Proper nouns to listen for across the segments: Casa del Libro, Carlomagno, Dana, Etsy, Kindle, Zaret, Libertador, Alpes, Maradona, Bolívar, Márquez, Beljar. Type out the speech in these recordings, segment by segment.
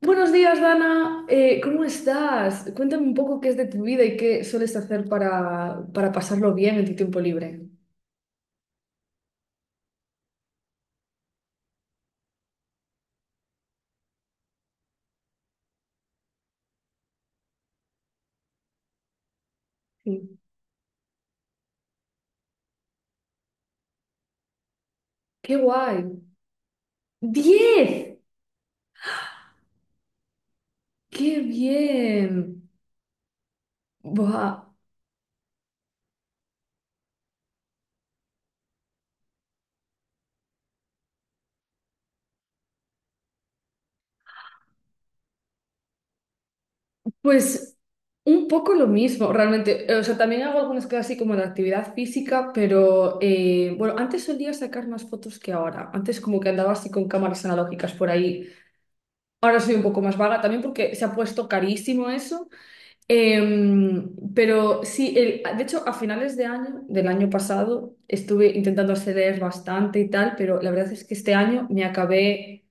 Buenos días, Dana. ¿Cómo estás? Cuéntame un poco qué es de tu vida y qué sueles hacer para pasarlo bien en tu tiempo libre. Sí. ¡Qué guay! ¡10! ¡Qué bien! Buah. Pues un poco lo mismo, realmente. O sea, también hago algunas cosas así como de actividad física, pero bueno, antes solía sacar más fotos que ahora. Antes como que andaba así con cámaras analógicas por ahí. Ahora soy un poco más vaga también porque se ha puesto carísimo eso. Pero sí, de hecho, a finales de año, del año pasado, estuve intentando acceder bastante y tal, pero la verdad es que este año me acabé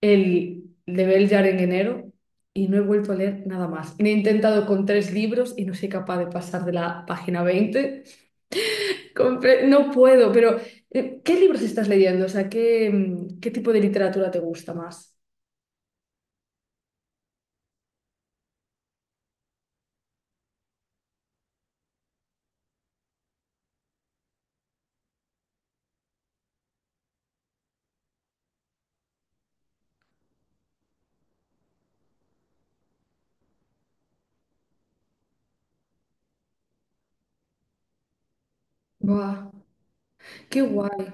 el de Beljar en enero y no he vuelto a leer nada más. He intentado con tres libros y no soy capaz de pasar de la página 20. No puedo, pero ¿qué libros estás leyendo? O sea, ¿qué tipo de literatura te gusta más? Buah, qué guay.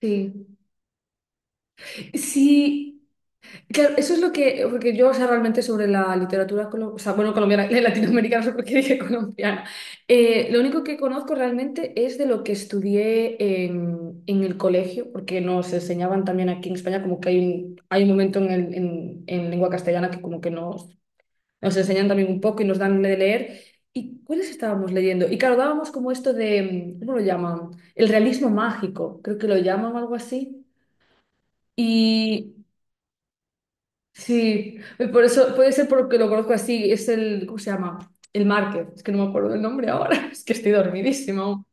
Sí. Sí. Claro, eso es lo que, porque yo, o sea, realmente sobre la literatura, o sea, bueno, colombiana, latinoamericana, no sé por qué dije colombiana. Lo único que conozco realmente es de lo que estudié en el colegio, porque nos enseñaban también aquí en España, como que hay un momento en lengua castellana que como que nos enseñan también un poco y nos dan de leer. ¿Y cuáles estábamos leyendo? Y claro, dábamos como esto de, ¿cómo lo llaman? El realismo mágico, creo que lo llaman algo así. Y Sí, y por eso puede ser porque lo conozco así, es el, ¿cómo se llama? El Márquez, es que no me acuerdo del nombre ahora, es que estoy dormidísima aún.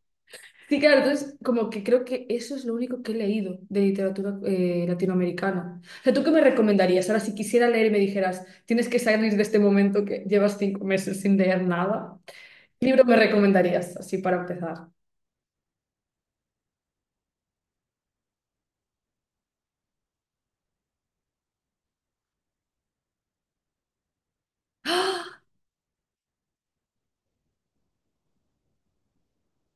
Sí, claro, entonces como que creo que eso es lo único que he leído de literatura latinoamericana. O sea, ¿tú qué me recomendarías? Ahora, si quisiera leer y me dijeras, tienes que salir de este momento que llevas 5 meses sin leer nada, ¿qué libro me recomendarías así para empezar? ¡Ah!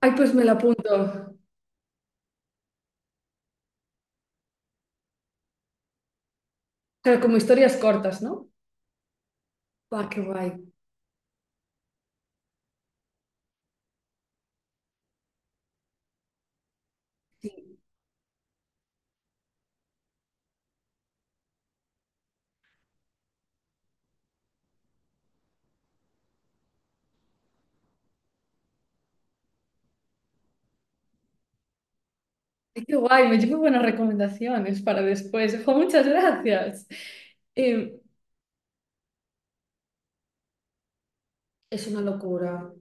Ay, pues me lo apunto. Claro, como historias cortas, ¿no? Va, qué guay. Qué guay, me llevo buenas recomendaciones para después. Jo, muchas gracias. Eh, es una locura.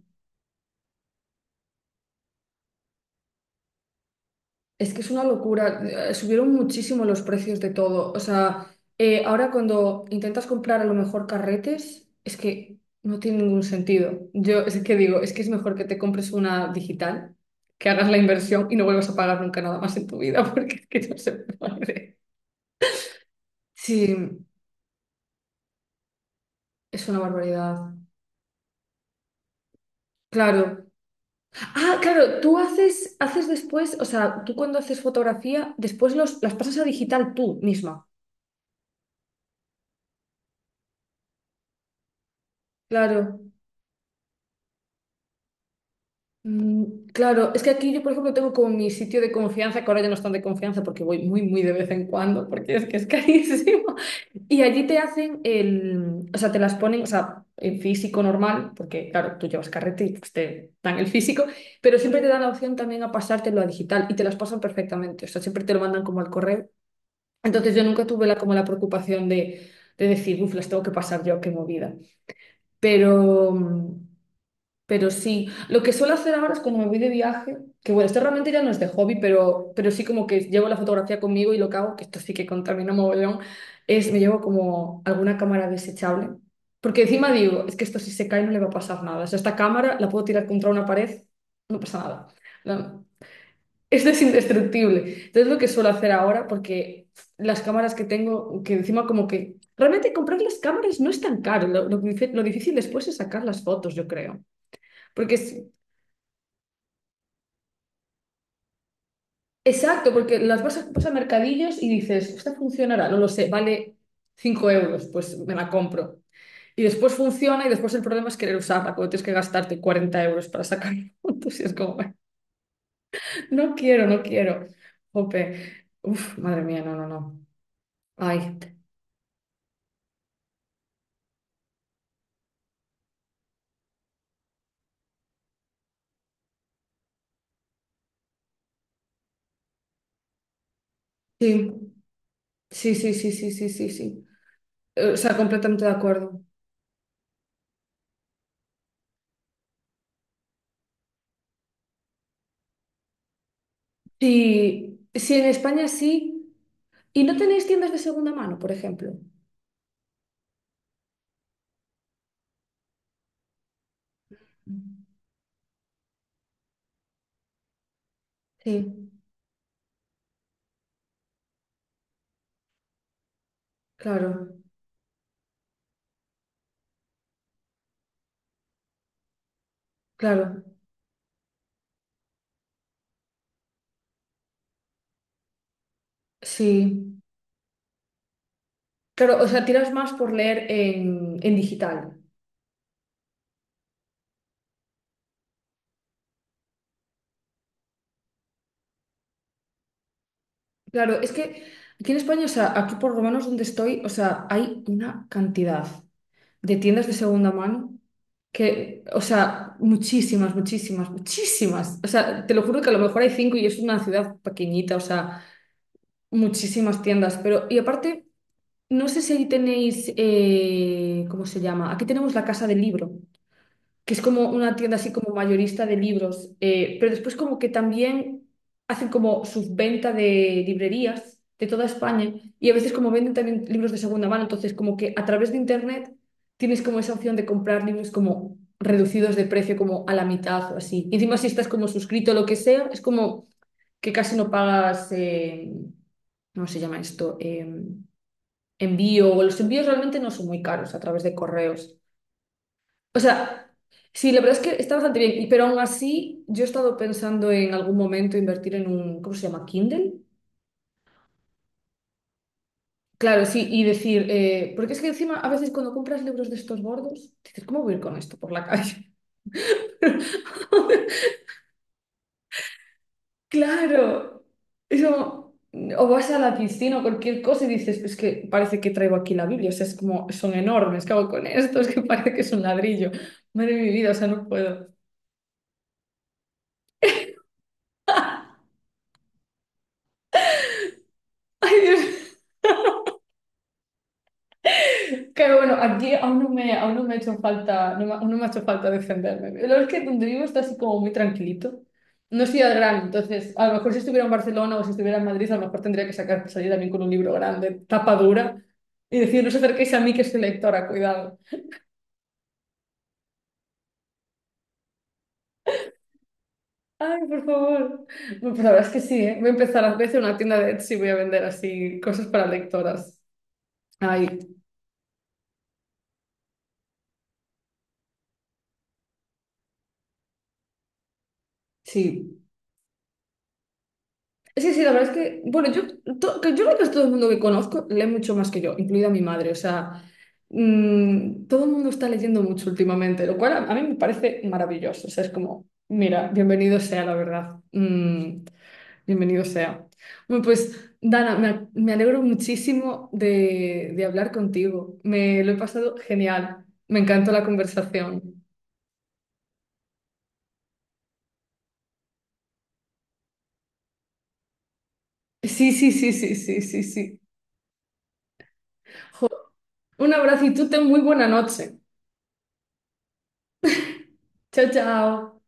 Es que es una locura. Subieron muchísimo los precios de todo. O sea, ahora cuando intentas comprar a lo mejor carretes, es que no tiene ningún sentido. Yo es que digo, es que es mejor que te compres una digital, que hagas la inversión y no vuelvas a pagar nunca nada más en tu vida, porque es que no se puede. Sí, es una barbaridad. Claro. Ah, claro, tú haces después, o sea, tú cuando haces fotografía, después los, las pasas a digital tú misma. Claro, claro, es que aquí yo, por ejemplo, tengo como mi sitio de confianza, que ahora ya no están de confianza porque voy muy, muy de vez en cuando, porque es que es carísimo. Y allí te hacen el, o sea, te las ponen, o sea, en físico normal, porque claro, tú llevas carrete y pues, te dan el físico, pero siempre te dan la opción también a pasártelo a digital y te las pasan perfectamente, o sea, siempre te lo mandan como al correo. Entonces yo nunca tuve la, como la preocupación de decir, uff, las tengo que pasar yo, qué movida. Pero, mm, pero sí, lo que suelo hacer ahora es cuando me voy de viaje, que bueno, esto realmente ya no es de hobby, pero sí como que llevo la fotografía conmigo y lo que hago, que esto sí que contamina mogollón, es me llevo como alguna cámara desechable. Porque encima digo, es que esto si se cae no le va a pasar nada. O sea, esta cámara la puedo tirar contra una pared, no pasa nada. No. Esto es indestructible. Entonces lo que suelo hacer ahora, porque las cámaras que tengo, que encima como que... Realmente comprar las cámaras no es tan caro. Lo difícil después es sacar las fotos, yo creo. Porque es... Exacto, porque las vas a mercadillos y dices, esta funcionará, no lo sé, vale 5 euros, pues me la compro. Y después funciona y después el problema es querer usarla, cuando tienes que gastarte 40 € para sacar fotos y es como, no quiero, no quiero. Jope. Uf, madre mía, no, no, no. Ay, sí. Sí, sí, sí, sí, sí, sí, sí. O sea, completamente de acuerdo. Sí, sí, en España sí. ¿Y no tenéis tiendas de segunda mano, por ejemplo? Sí, claro, claro, sí. Claro, o sea, tiras más por leer en digital. Claro, es que aquí en España, o sea, aquí por lo menos donde estoy, o sea, hay una cantidad de tiendas de segunda mano que, o sea, muchísimas, muchísimas, muchísimas. O sea, te lo juro que a lo mejor hay cinco y es una ciudad pequeñita, o sea. Muchísimas tiendas, pero y aparte, no sé si ahí tenéis, ¿cómo se llama? Aquí tenemos la Casa del Libro, que es como una tienda así como mayorista de libros, pero después como que también hacen como subventa de librerías de toda España y a veces como venden también libros de segunda mano, entonces como que a través de internet tienes como esa opción de comprar libros como reducidos de precio, como a la mitad o así. Y encima si estás como suscrito o lo que sea, es como que casi no pagas, ¿cómo se llama esto? Envío, o los envíos realmente no son muy caros a través de correos. O sea, sí, la verdad es que está bastante bien, y- pero aún así yo he estado pensando en algún momento invertir en un, ¿cómo se llama? Kindle. Claro, sí, y decir, porque es que encima a veces cuando compras libros de estos gordos, dices, ¿cómo voy a ir con esto por la calle? Claro, eso, o vas a la piscina o cualquier cosa y dices, es que parece que traigo aquí la Biblia, o sea, es como, son enormes, ¿qué hago con esto? Es que parece que es un ladrillo, madre de mi vida, o sea, no puedo. Ay, Dios. Que bueno, aquí aún no me ha hecho falta, aún no me ha hecho falta defenderme. Lo es que donde vivo está así como muy tranquilito. No soy al grano, entonces a lo mejor si estuviera en Barcelona o si estuviera en Madrid, a lo mejor tendría que sacar, salir también con un libro grande, tapa dura, y decir, no os acerquéis a mí que soy lectora, cuidado. Ay, por favor. Bueno, pues la verdad es que sí, ¿eh? Voy a empezar a veces una tienda de Etsy y voy a vender así cosas para lectoras. Ay, sí. Sí, sí, la verdad es que, bueno, yo, que yo creo que todo el mundo que conozco lee mucho más que yo, incluida mi madre. O sea, todo el mundo está leyendo mucho últimamente, lo cual a, mí me parece maravilloso. O sea, es como, mira, bienvenido sea la verdad. Bienvenido sea. Bueno, pues, Dana, me alegro muchísimo de hablar contigo. Me lo he pasado genial. Me encantó la conversación. Sí, sí, sí, sí, sí, sí, sí. Jo, un abrazo y tú ten muy buena noche. Chao, chao.